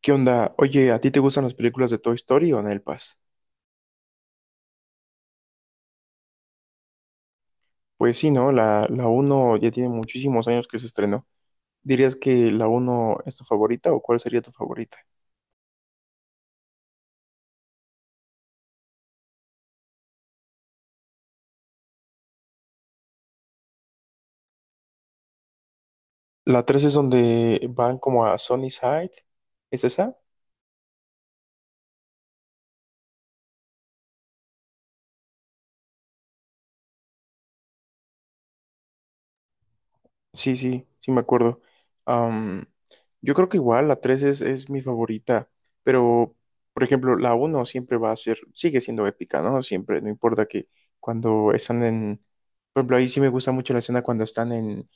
¿Qué onda? Oye, ¿a ti te gustan las películas de Toy Story o Nelpas? Pues sí, ¿no? La uno ya tiene muchísimos años que se estrenó. ¿Dirías que la uno es tu favorita o cuál sería tu favorita? La 3 es donde van como a Sunnyside. ¿Es esa? Sí, sí, sí me acuerdo. Am, yo creo que igual la 3 es mi favorita, pero por ejemplo, la uno siempre va a ser, sigue siendo épica, ¿no? Siempre, no importa que cuando están en, por ejemplo, ahí sí me gusta mucho la escena cuando están en,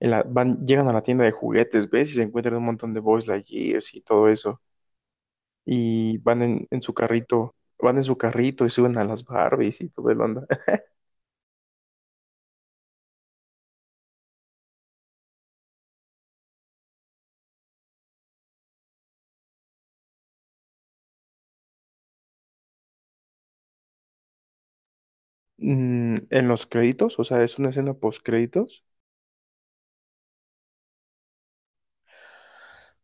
en llegan a la tienda de juguetes, ¿ves? Y se encuentran un montón de Buzz Lightyears y todo eso, y van en su carrito, van en su carrito y suben a las Barbies y todo el onda. En los créditos, o sea, es una escena post.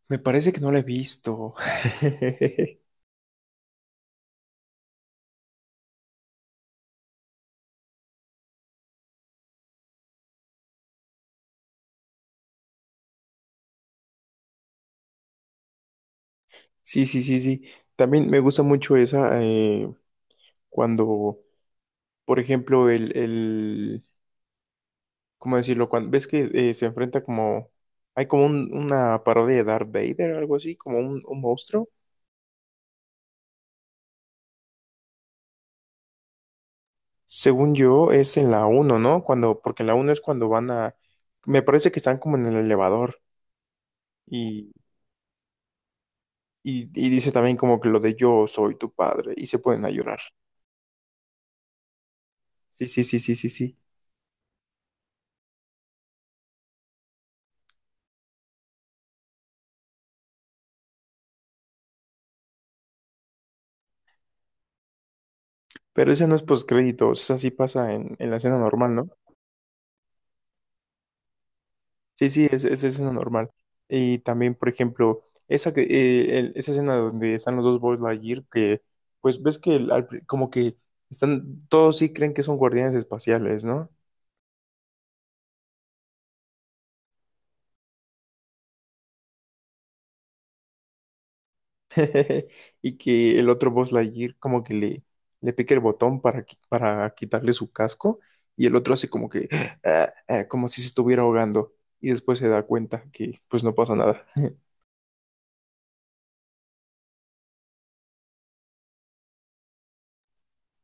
Me parece que no la he visto. Sí, sí, sí, sí. También me gusta mucho esa cuando, por ejemplo, ¿cómo decirlo? Cuando ves que se enfrenta como, hay como un- una parodia de Darth Vader, algo así, como un monstruo. Según yo, es en la uno, ¿no? Cuando, porque en la uno es cuando van a, me parece que están como en el elevador y, y dice también como que lo de yo soy tu padre y se pueden a llorar. Sí, sí, sí, sí, sí, sí. Pero ese no es postcrédito, o sea, sí pasa en la escena normal, ¿no? Sí, sí, es escena normal. Y también, por ejemplo, esa, que, esa escena donde están los dos Buzz Lightyear, que pues ves que como que están, todos sí creen que son guardianes espaciales, ¿no? Y que el otro Buzz Lightyear como que le pica el botón para, para quitarle su casco y el otro hace como que, ah, ah, como si se estuviera ahogando y después se da cuenta que pues no pasa nada.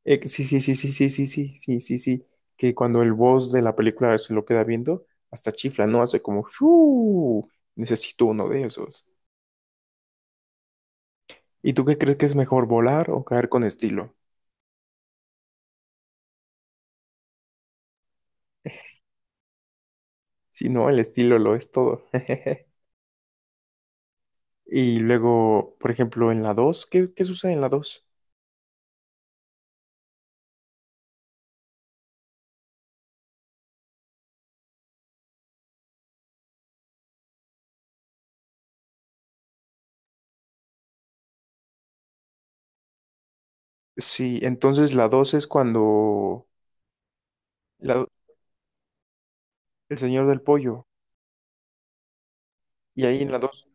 Sí, sí, sí, sí, sí, sí, sí, sí, sí, sí. Que cuando el boss de la película se lo queda viendo, hasta chifla, ¿no? Hace como, ¡shuu! Necesito uno de esos. ¿Y tú qué crees que es mejor, volar o caer con estilo? Si no, el estilo lo es todo. Y luego, por ejemplo, en la dos, ¿qué sucede en la dos? Sí, entonces la 2 es cuando la- el señor del pollo. Y ahí en la 2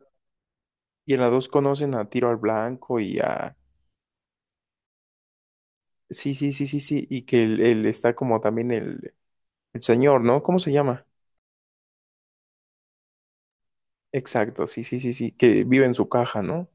y en la 2 conocen a Tiro al Blanco y a... Sí, sí, sí, sí, sí. Y que él está como también el. El señor, ¿no? ¿Cómo se llama? Exacto, sí, sí, sí, sí, que vive en su caja, ¿no?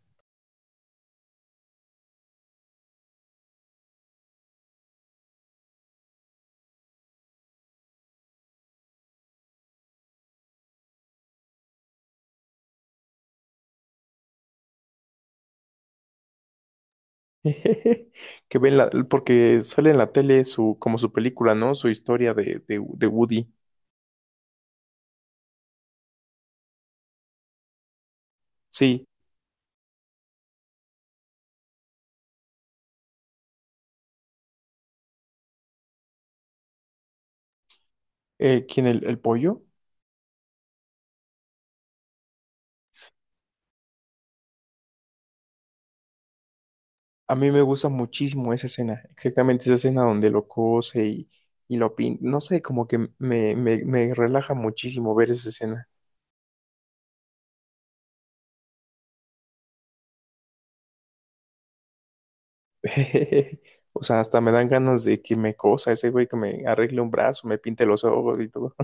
Que ven la, porque sale en la tele su, como su película, ¿no? Su historia de Woody. Sí, ¿quién el pollo? A mí me gusta muchísimo esa escena, exactamente esa escena donde lo cose y lo pinta, no sé, como que me relaja muchísimo ver esa escena. O sea, hasta me dan ganas de que me cosa ese güey, que me arregle un brazo, me pinte los ojos y todo.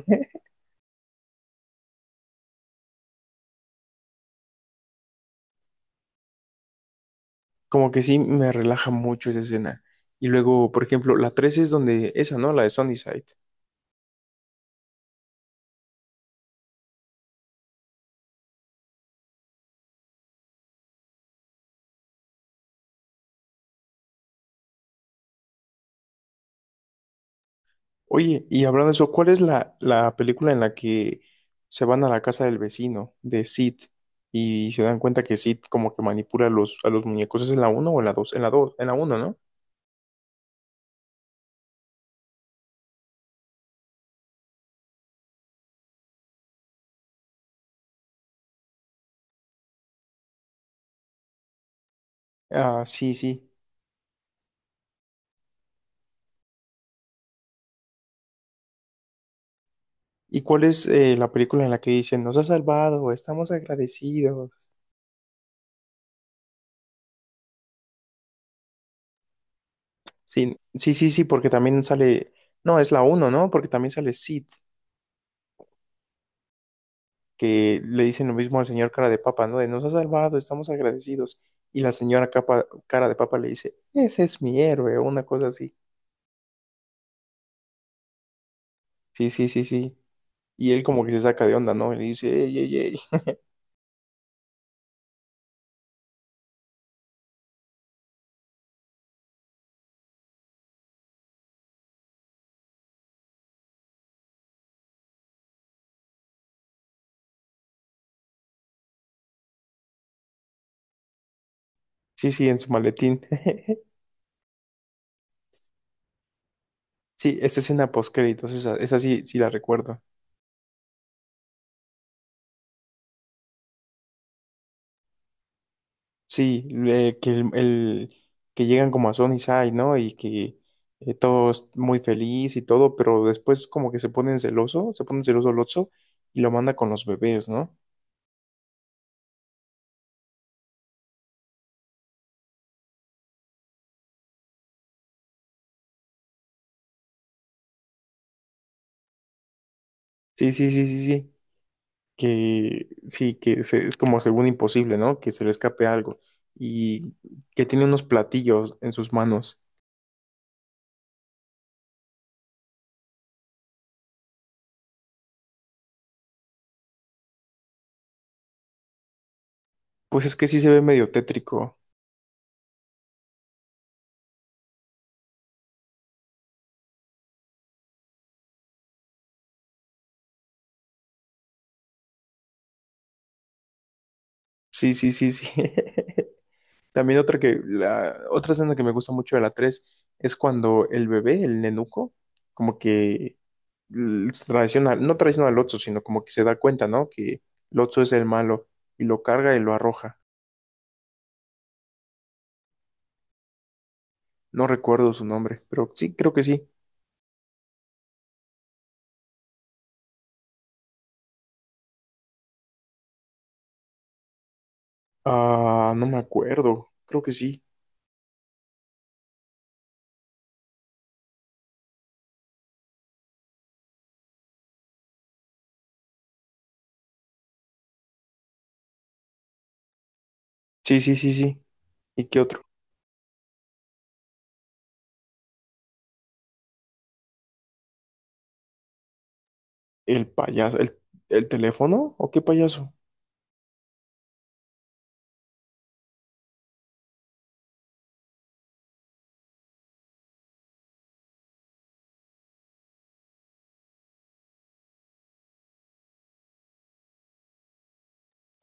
Como que sí me relaja mucho esa escena. Y luego, por ejemplo, la 3 es donde esa, ¿no? La de Sunnyside. Oye, y hablando de eso, ¿cuál es la película en la que se van a la casa del vecino, de Sid, y se dan cuenta que Sid como que manipula a a los muñecos? ¿Es en la uno o en la dos? En la dos, en la uno, ¿no? Ah, sí, sí. ¿Y cuál es la película en la que dicen, nos ha salvado, estamos agradecidos? Sí, sí, sí, sí, porque también sale, no, es la uno, ¿no? Porque también sale Sid. Que le dicen lo mismo al señor cara de papa, ¿no? De nos ha salvado, estamos agradecidos. Y la señora cara de papa le dice, ese es mi héroe, o una cosa así. Sí, sí, sí, sí. Y él como que se saca de onda, ¿no? Y le dice, ey, ey, ey. Sí, sí, en su maletín. Sí, esa escena post-créditos, esa sí, sí la recuerdo. Sí, que llegan como a Sony Sai, ¿no? Y que todo es muy feliz y todo, pero después como que se ponen celoso Lotso y lo manda con los bebés, ¿no? Sí, sí, sí, sí, sí. Que sí, que es como según imposible, ¿no? Que se le escape algo y que tiene unos platillos en sus manos. Pues es que sí se ve medio tétrico. Sí, sí, sí, sí. También otra que la otra escena que me gusta mucho de la 3 es cuando el bebé, el nenuco, como que l- traiciona, no traiciona al Lotso, sino como que se da cuenta, ¿no? Que Lotso es el malo y lo carga y lo arroja. No recuerdo su nombre, pero sí, creo que sí. Ah, no me acuerdo. Creo que sí. Sí, sí, sí, sí. ¿Y qué otro? El payaso. ¿El teléfono? ¿O qué payaso?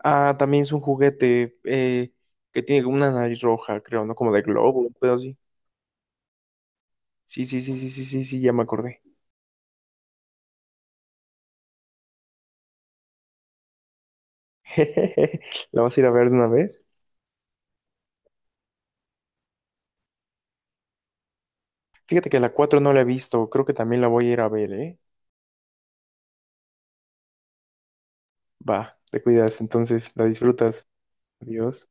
Ah, también es un juguete que tiene como una nariz roja, creo, ¿no? Como de globo, un pedo así. Sí, sí, sí, sí, sí, sí, sí, ya me acordé. ¿La vas a ir a ver de una vez? Fíjate que la 4 no la he visto. Creo que también la voy a ir a ver, ¿eh? Va, te cuidas, entonces la disfrutas. Adiós.